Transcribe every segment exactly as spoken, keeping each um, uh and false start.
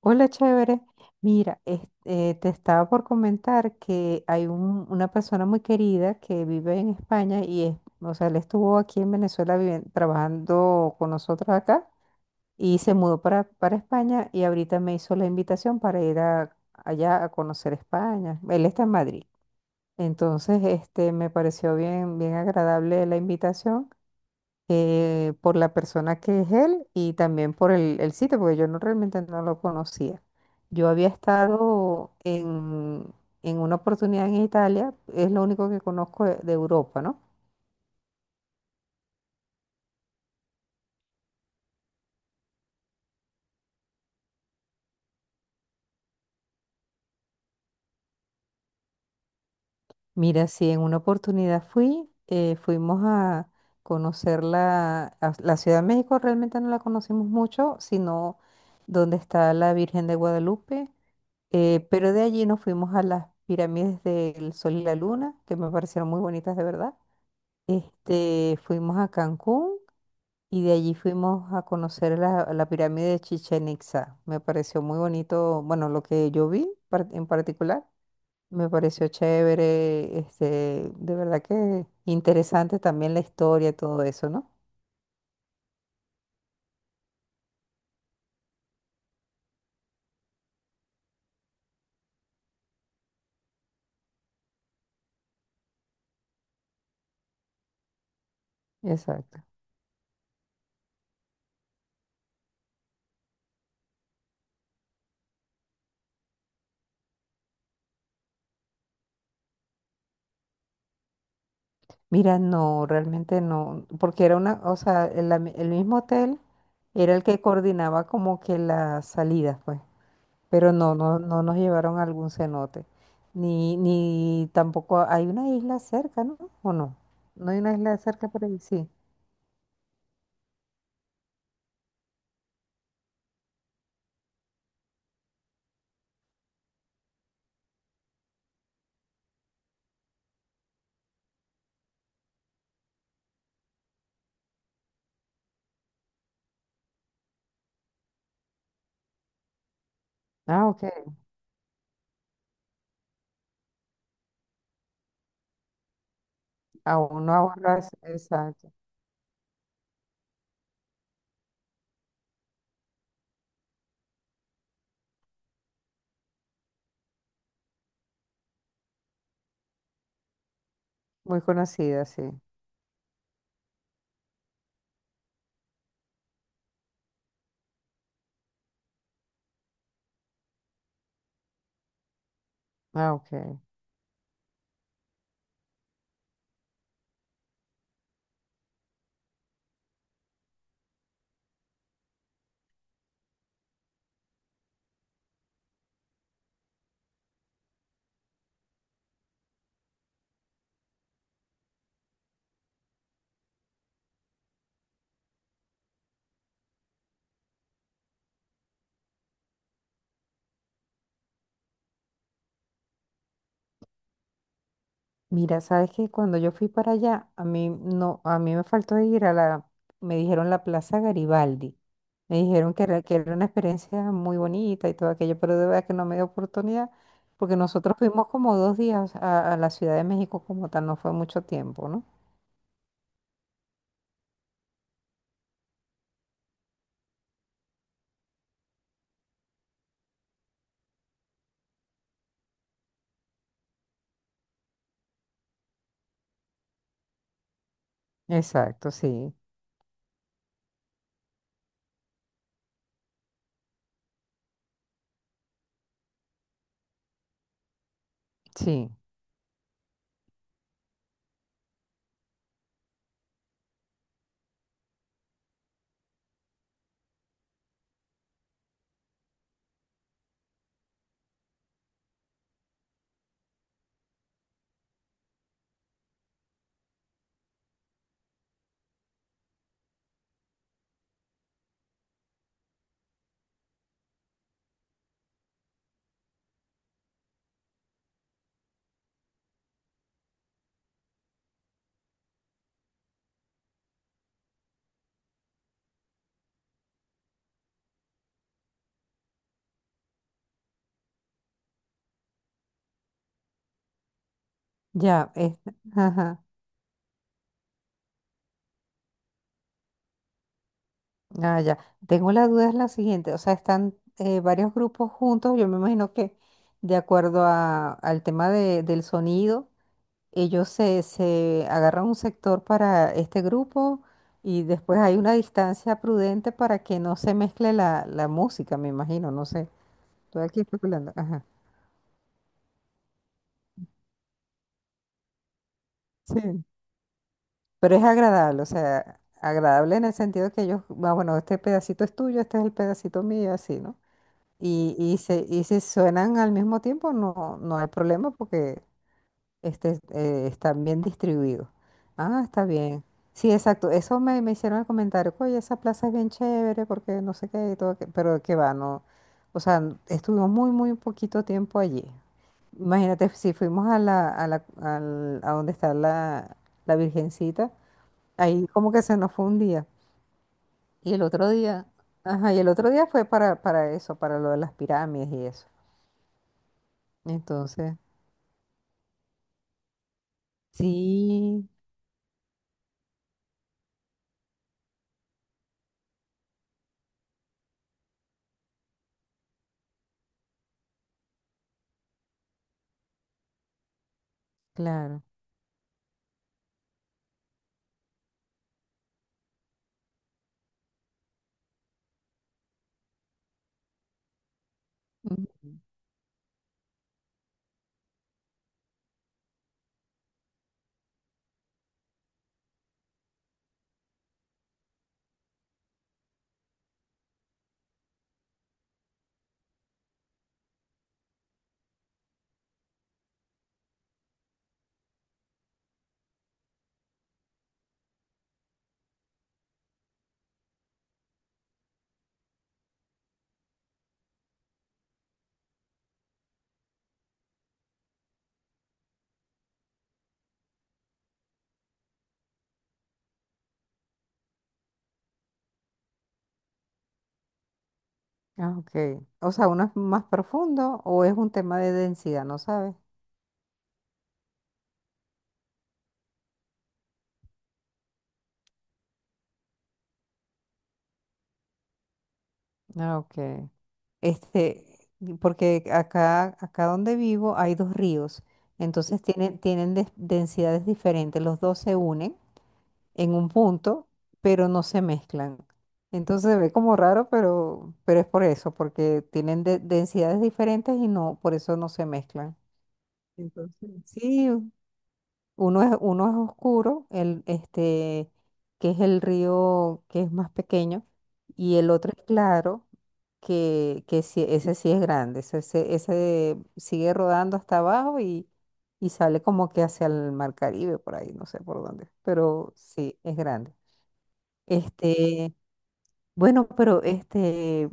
Hola, chévere. Mira, es- eh, te estaba por comentar que hay un- una persona muy querida que vive en España y es, o sea, él estuvo aquí en Venezuela viviendo- trabajando con nosotros acá y se mudó para, para España, y ahorita me hizo la invitación para ir a- allá a conocer España. Él está en Madrid. Entonces, este, me pareció bien, bien agradable la invitación, eh, por la persona que es él y también por el, el sitio, porque yo no, realmente no lo conocía. Yo había estado en, en una oportunidad en Italia, es lo único que conozco de de Europa, ¿no? Mira, sí, en una oportunidad fui, eh, fuimos a conocer la, a- la Ciudad de México, realmente no la conocimos mucho, sino donde está la Virgen de Guadalupe, eh, pero de allí nos fuimos a las pirámides del Sol y la Luna, que me parecieron muy bonitas de verdad. Este, fuimos a Cancún y de allí fuimos a conocer la, la pirámide de Chichen Itza. Me pareció muy bonito, bueno, lo que yo vi par- en particular. Me pareció chévere, este, de verdad que interesante también la historia y todo eso, ¿no? Exacto. Mira, no, realmente no, porque era una, o sea, el, ami- el mismo hotel era el que coordinaba como que las salidas, pues. Pero no, no, no nos llevaron a algún cenote, ni, ni tampoco hay una isla cerca, ¿no? ¿O no? No hay una isla cerca por ahí, sí. Ah, ok. Aún no abordas, exacto. Muy conocida, sí. Ah, ok. Mira, sabes que cuando yo fui para allá, a mí no, a mí me faltó ir a la, me dijeron, la Plaza Garibaldi. Me dijeron que era, que era una experiencia muy bonita y todo aquello, pero de verdad que no me dio oportunidad, porque nosotros fuimos como dos días a, a la Ciudad de México como tal, no fue mucho tiempo, ¿no? Exacto, sí, sí. Ya, es- ajá, ah, ya. Tengo la duda es la siguiente, o sea, están eh, varios grupos juntos. Yo me imagino que, de acuerdo a, al tema de- del sonido, ellos se, se agarran un sector para este grupo, y después hay una distancia prudente para que no se mezcle la, la música, me imagino, no sé. Estoy aquí especulando. Ajá. Sí. Pero es agradable, o sea, agradable en el sentido que ellos, ah, bueno, este pedacito es tuyo, este es el pedacito mío, y así, ¿no? Y, y, se, y si suenan al mismo tiempo, no, no hay problema, porque Este, eh, están bien distribuidos. Ah, está bien. Sí, exacto. Eso me, me hicieron el comentario. Oye, esa plaza es bien chévere porque no sé qué, y todo, que- pero que va, no. O sea, n- estuvimos muy, muy poquito tiempo allí. Imagínate, si fuimos a la, a la, al- a donde está la, la Virgencita, ahí como que se nos fue un día. Y el otro día, ajá, y el otro día fue para, para eso, para lo de las pirámides y eso. Entonces, sí, claro. Ah, ok. O sea, ¿uno es más profundo o es un tema de densidad, no sabes? Ah, ok. Este, y porque acá, acá donde vivo hay dos ríos, entonces tienen, tienen des- densidades diferentes. Los dos se unen en un punto, pero no se mezclan. Entonces se ve como raro, pero, pero es por eso, porque tienen de- densidades diferentes y no, por eso no se mezclan. Entonces, sí. Uno es, uno es oscuro, el, este, que es el río que es más pequeño, y el otro es claro, que, que sí, ese sí es grande. Ese, ese- ese sigue rodando hasta abajo y, y sale como que hacia el Mar Caribe, por ahí, no sé por dónde, pero sí, es grande. Este, bueno, pero este,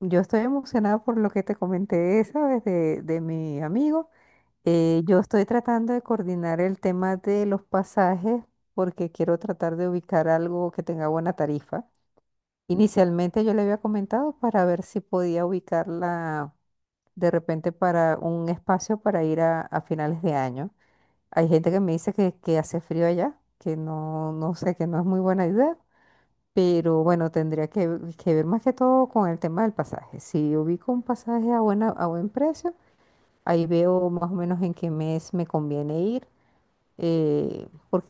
yo estoy emocionada por lo que te comenté, ¿sabes? De, de mi amigo. Eh, yo estoy tratando de coordinar el tema de los pasajes, porque quiero tratar de ubicar algo que tenga buena tarifa. Inicialmente yo le había comentado para ver si podía ubicarla de repente para un espacio para ir a, a finales de año. Hay gente que me dice que, que hace frío allá, que no, no sé, que no es muy buena idea, pero bueno, tendría que, que ver más que todo con el tema del pasaje. Si ubico un pasaje a buena, a buen precio, ahí veo más o menos en qué mes me conviene ir, eh, porque